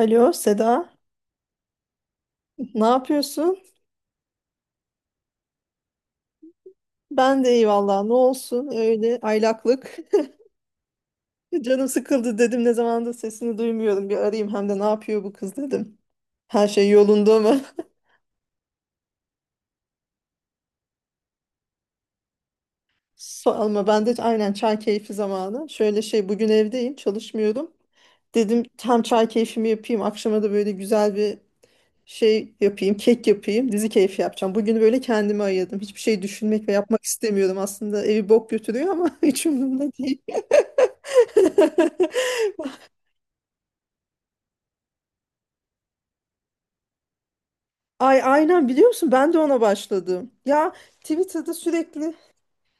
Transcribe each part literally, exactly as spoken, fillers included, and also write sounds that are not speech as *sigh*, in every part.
Alo Seda, ne yapıyorsun? Ben de iyi vallahi ne olsun öyle aylaklık. *laughs* Canım sıkıldı dedim ne zamandır sesini duymuyorum bir arayayım hem de ne yapıyor bu kız dedim. Her şey yolunda mı? *laughs* Sorma ben de aynen çay keyfi zamanı. Şöyle şey bugün evdeyim çalışmıyorum. Dedim hem çay keyfimi yapayım akşama da böyle güzel bir şey yapayım, kek yapayım, dizi keyfi yapacağım. Bugünü böyle kendime ayırdım. Hiçbir şey düşünmek ve yapmak istemiyorum. Aslında evi bok götürüyor ama *laughs* hiç umurumda değil. *laughs* Ay aynen biliyor musun? Ben de ona başladım. Ya Twitter'da sürekli.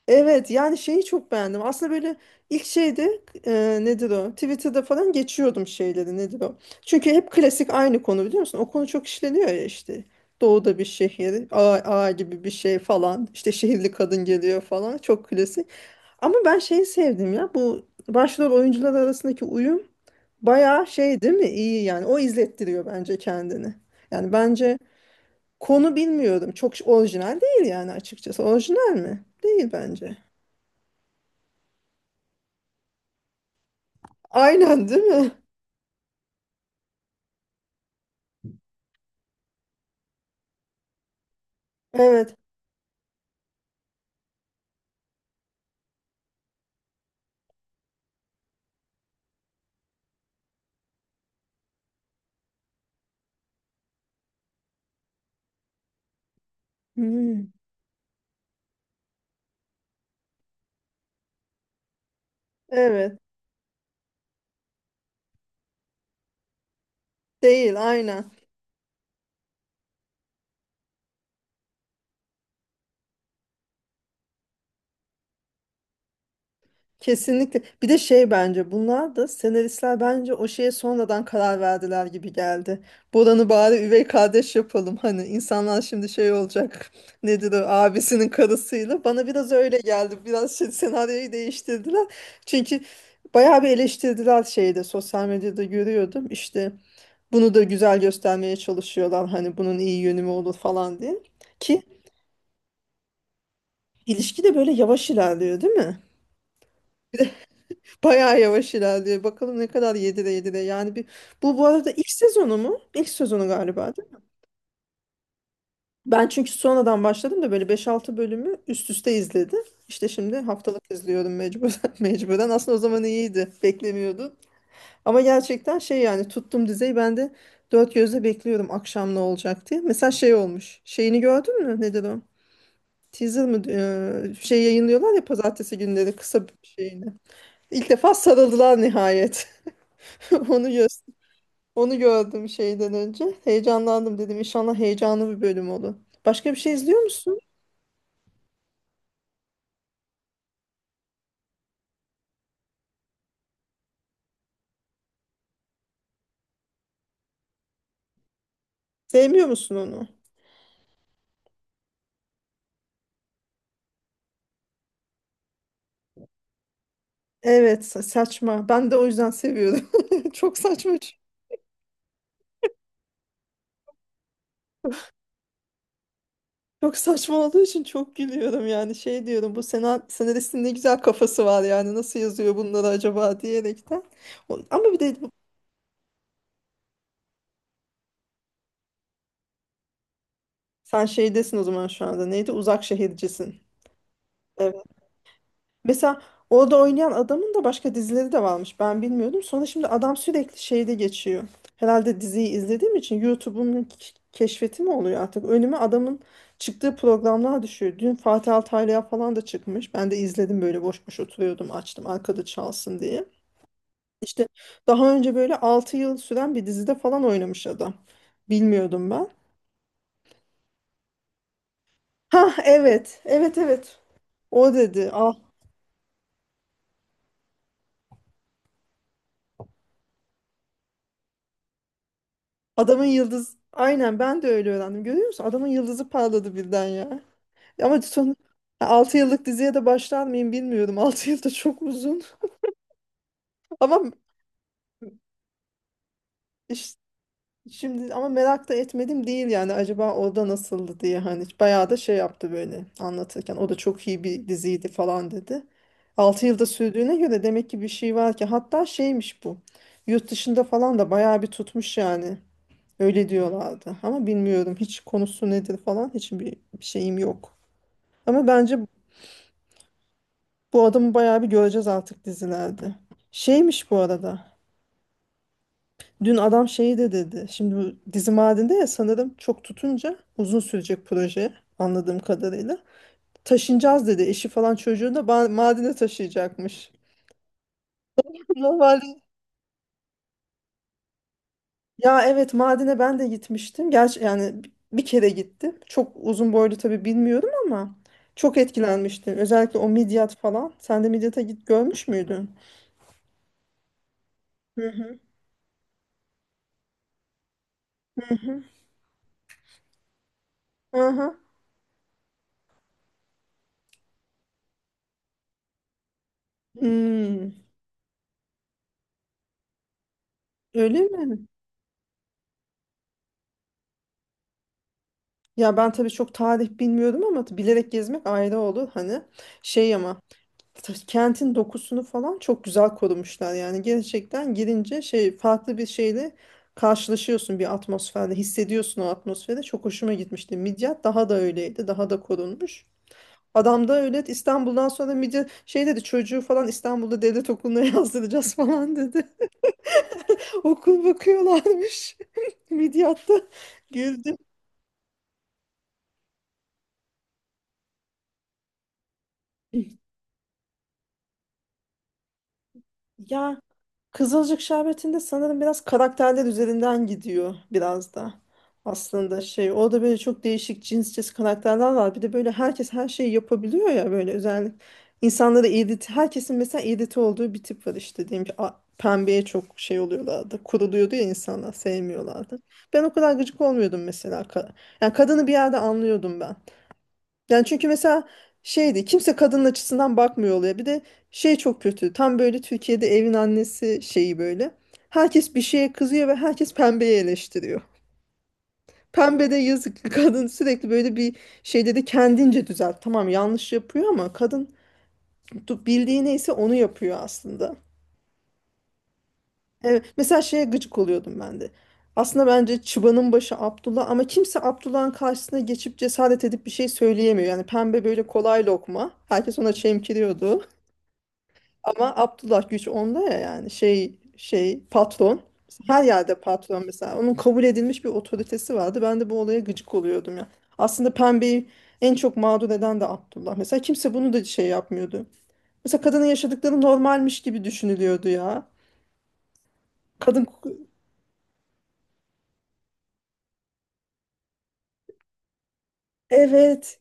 Evet, yani şeyi çok beğendim. Aslında böyle ilk şeyde e, nedir o? Twitter'da falan geçiyordum şeyleri nedir o? Çünkü hep klasik aynı konu biliyor musun? O konu çok işleniyor ya işte. Doğuda bir şehir, ağa, ağa gibi bir şey falan. İşte şehirli kadın geliyor falan. Çok klasik. Ama ben şeyi sevdim ya. Bu başrol oyuncular arasındaki uyum bayağı şey değil mi? İyi yani. O izlettiriyor bence kendini. Yani bence konu bilmiyorum. Çok orijinal değil yani açıkçası. Orijinal mi? Değil bence. Aynen değil mi? Evet. Hmm. Evet. Değil aynen. Kesinlikle. Bir de şey bence bunlar da senaristler bence o şeye sonradan karar verdiler gibi geldi. Boran'ı bari üvey kardeş yapalım. Hani insanlar şimdi şey olacak. *laughs* Nedir o abisinin karısıyla. Bana biraz öyle geldi. Biraz şey, senaryoyu değiştirdiler. Çünkü bayağı bir eleştirdiler şeyde sosyal medyada görüyordum. İşte bunu da güzel göstermeye çalışıyorlar. Hani bunun iyi yönü mü olur falan diye. Ki İlişki de böyle yavaş ilerliyor değil mi? Bayağı yavaş ilerliyor. Bakalım ne kadar yedire yedire. Yani bir, bu bu arada ilk sezonu mu? İlk sezonu galiba değil mi? Ben çünkü sonradan başladım da böyle beş altı bölümü üst üste izledim. İşte şimdi haftalık izliyorum mecburen. *laughs* Mecburen. Aslında o zaman iyiydi. Beklemiyordum. Ama gerçekten şey yani tuttum dizeyi ben de dört gözle bekliyorum akşam ne olacak diye. Mesela şey olmuş. Şeyini gördün mü? Nedir o? Teaser mı? Ee, şey yayınlıyorlar ya pazartesi günleri kısa bir şeyini. İlk defa sarıldılar nihayet. *laughs* Onu gö- onu gördüm şeyden önce. Heyecanlandım dedim. İnşallah heyecanlı bir bölüm olur. Başka bir şey izliyor musun? Sevmiyor musun onu? Evet, sa- saçma. Ben de o yüzden seviyorum. *laughs* Çok saçma. ç- Çok saçma olduğu için çok gülüyorum yani. Şey diyorum bu sena- senaristin ne güzel kafası var yani. Nasıl yazıyor bunları acaba diyerekten. O- Ama bir de bu- sen şeydesin o zaman şu anda. Neydi? Uzak şehircisin. Mesela orada oynayan adamın da başka dizileri de varmış. Ben bilmiyordum. Sonra şimdi adam sürekli şeyde geçiyor. Herhalde diziyi izlediğim için YouTube'un k- keşfeti mi oluyor artık? Önüme adamın çıktığı programlar düşüyor. Dün Fatih Altaylı'ya falan da çıkmış. Ben de izledim böyle boş boş oturuyordum açtım arkada çalsın diye. İşte daha önce böyle altı yıl süren bir dizide falan oynamış adam. Bilmiyordum ben. Ha evet. Evet evet. O dedi. Ah, adamın yıldız. Aynen ben de öyle öğrendim. Görüyor musun? Adamın yıldızı parladı birden ya. Ama son altı yıllık diziye de başlar mıyım bilmiyorum. *laughs* altı yıl da çok uzun. *laughs* Ama iş- şimdi ama merak da etmedim değil yani acaba orada nasıldı diye hani bayağı da şey yaptı böyle anlatırken. O da çok iyi bir diziydi falan dedi. Altı yılda sürdüğüne göre demek ki bir şey var ki hatta şeymiş bu. Yurt dışında falan da bayağı bir tutmuş yani. Öyle diyorlardı ama bilmiyorum hiç konusu nedir falan hiçbir bir şeyim yok. Ama bence bu adamı bayağı bir göreceğiz artık dizilerde. Şeymiş bu arada. Dün adam şeyi de dedi. Şimdi bu dizi madinde ya sanırım çok tutunca uzun sürecek proje anladığım kadarıyla. Taşınacağız dedi. Eşi falan çocuğunu da ba- madine taşıyacakmış. *laughs* Normalde ya evet Mardin'e ben de gitmiştim. Gerçi yani bir kere gittim. Çok uzun boylu tabii bilmiyorum ama çok etkilenmiştim. Özellikle o Midyat falan. Sen de Midyat'a git görmüş müydün? Hı hı. Aha. Hmm. Öyle mi? Ya ben tabii çok tarih bilmiyordum ama bilerek gezmek ayrı olur hani. Şey ama t- kentin dokusunu falan çok güzel korumuşlar. Yani gerçekten girince şey farklı bir şeyle karşılaşıyorsun bir atmosferle hissediyorsun o atmosferi. Çok hoşuma gitmişti. Midyat daha da öyleydi. Daha da korunmuş. Adam da öyle İstanbul'dan sonra Midyat şey dedi çocuğu falan İstanbul'da devlet okuluna *laughs* yazdıracağız falan dedi. *laughs* Okul bakıyorlarmış. *laughs* Midyatta güldüm. Ya Kızılcık Şerbeti'nde sanırım biraz karakterler üzerinden gidiyor biraz da aslında şey. Orada böyle çok değişik cinsçesi karakterler var. Bir de böyle herkes her şeyi yapabiliyor ya böyle özellikle insanları irite, herkesin mesela irite olduğu bir tip var işte diyelim ki a- pembeye çok şey oluyorlardı. Kuruluyordu ya insanlar sevmiyorlardı. Ben o kadar gıcık olmuyordum mesela. Ka- Yani kadını bir yerde anlıyordum ben. Yani çünkü mesela şeydi kimse kadının açısından bakmıyor oluyor. Bir de şey çok kötü. Tam böyle Türkiye'de evin annesi şeyi böyle. Herkes bir şeye kızıyor ve herkes pembeyi eleştiriyor. *laughs* Pembe de yazık *laughs* kadın sürekli böyle bir şeyde de kendince düzelt. Tamam yanlış yapıyor ama kadın tu- bildiği neyse onu yapıyor aslında. Evet, mesela şeye gıcık oluyordum ben de. Aslında bence çıbanın başı Abdullah ama kimse Abdullah'ın karşısına geçip cesaret edip bir şey söyleyemiyor. Yani pembe böyle kolay lokma. Herkes ona çemkiriyordu. Ama Abdullah güç onda ya yani şey şey patron. Her yerde patron mesela. Onun kabul edilmiş bir otoritesi vardı. Ben de bu olaya gıcık oluyordum ya. Aslında pembeyi en çok mağdur eden de Abdullah. Mesela kimse bunu da şey yapmıyordu. Mesela kadının yaşadıkları normalmiş gibi düşünülüyordu ya. Kadın, evet,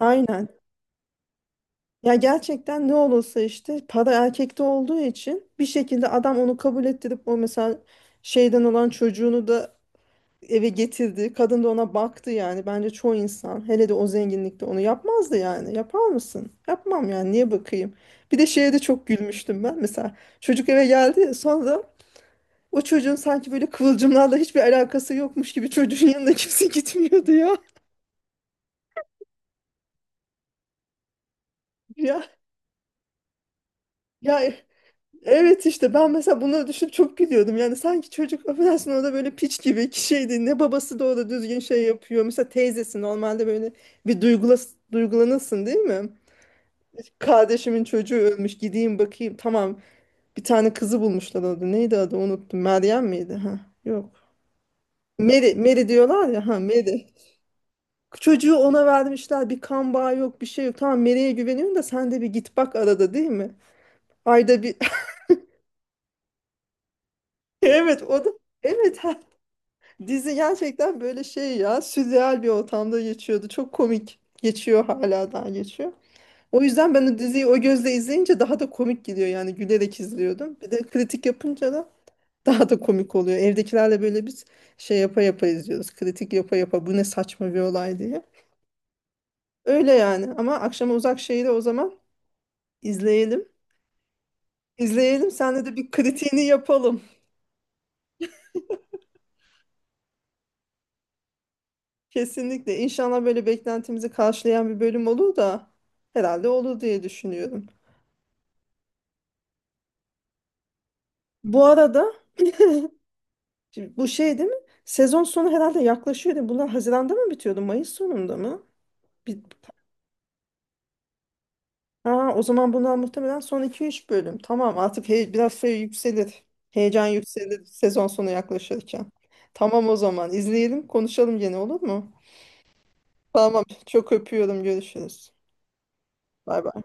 aynen. Ya gerçekten ne olursa işte para erkekte olduğu için bir şekilde adam onu kabul ettirip o mesela şeyden olan çocuğunu da eve getirdi. Kadın da ona baktı yani. Bence çoğu insan hele de o zenginlikte onu yapmazdı yani. Yapar mısın? Yapmam yani. Niye bakayım? Bir de şeye de çok gülmüştüm ben. Mesela çocuk eve geldi. Sonra o çocuğun sanki böyle kıvılcımlarla hiçbir alakası yokmuş gibi çocuğun yanına *laughs* kimse gitmiyordu ya. Ya ya evet işte ben mesela bunları düşünüp çok gülüyordum. Yani sanki çocuk affedersin orada böyle piç gibi ki şeydi. Ne babası da orada düzgün şey yapıyor. Mesela teyzesi normalde böyle bir duygula, duygulanırsın değil mi? Kardeşimin çocuğu ölmüş. Gideyim bakayım. Tamam. Bir tane kızı bulmuşlar orada. Neydi adı? Unuttum. Meryem miydi? Ha, yok. Meri, Meri diyorlar ya. Ha, Meri. Çocuğu ona vermişler. Bir kan bağı yok, bir şey yok. Tamam Meri'ye güveniyorum da sen de bir git bak arada değil mi? Ayda bir. *laughs* Evet o da. Evet. Ha. Dizi gerçekten böyle şey ya. Sürreal bir ortamda geçiyordu. Çok komik. Geçiyor hala daha geçiyor. O yüzden ben o diziyi o gözle izleyince daha da komik geliyor yani gülerek izliyordum. Bir de kritik yapınca da *laughs* daha da komik oluyor. Evdekilerle böyle biz şey yapa yapa izliyoruz. Kritik yapa yapa bu ne saçma bir olay diye. Öyle yani ama akşama uzak şeyi de o zaman izleyelim. İzleyelim senle de bir kritiğini yapalım. Kesinlikle. İnşallah böyle beklentimizi karşılayan bir bölüm olur da herhalde olur diye düşünüyorum. Bu arada şimdi bu şey değil mi? Sezon sonu herhalde yaklaşıyor değil mi? Bunlar Haziran'da mı bitiyordu? Mayıs sonunda mı? Aa, o zaman bundan muhtemelen son iki üç bölüm. Tamam artık he- biraz şey yükselir. Heyecan yükselir sezon sonu yaklaşırken. Tamam o zaman izleyelim konuşalım gene olur mu? Tamam çok öpüyorum görüşürüz. Bay bay.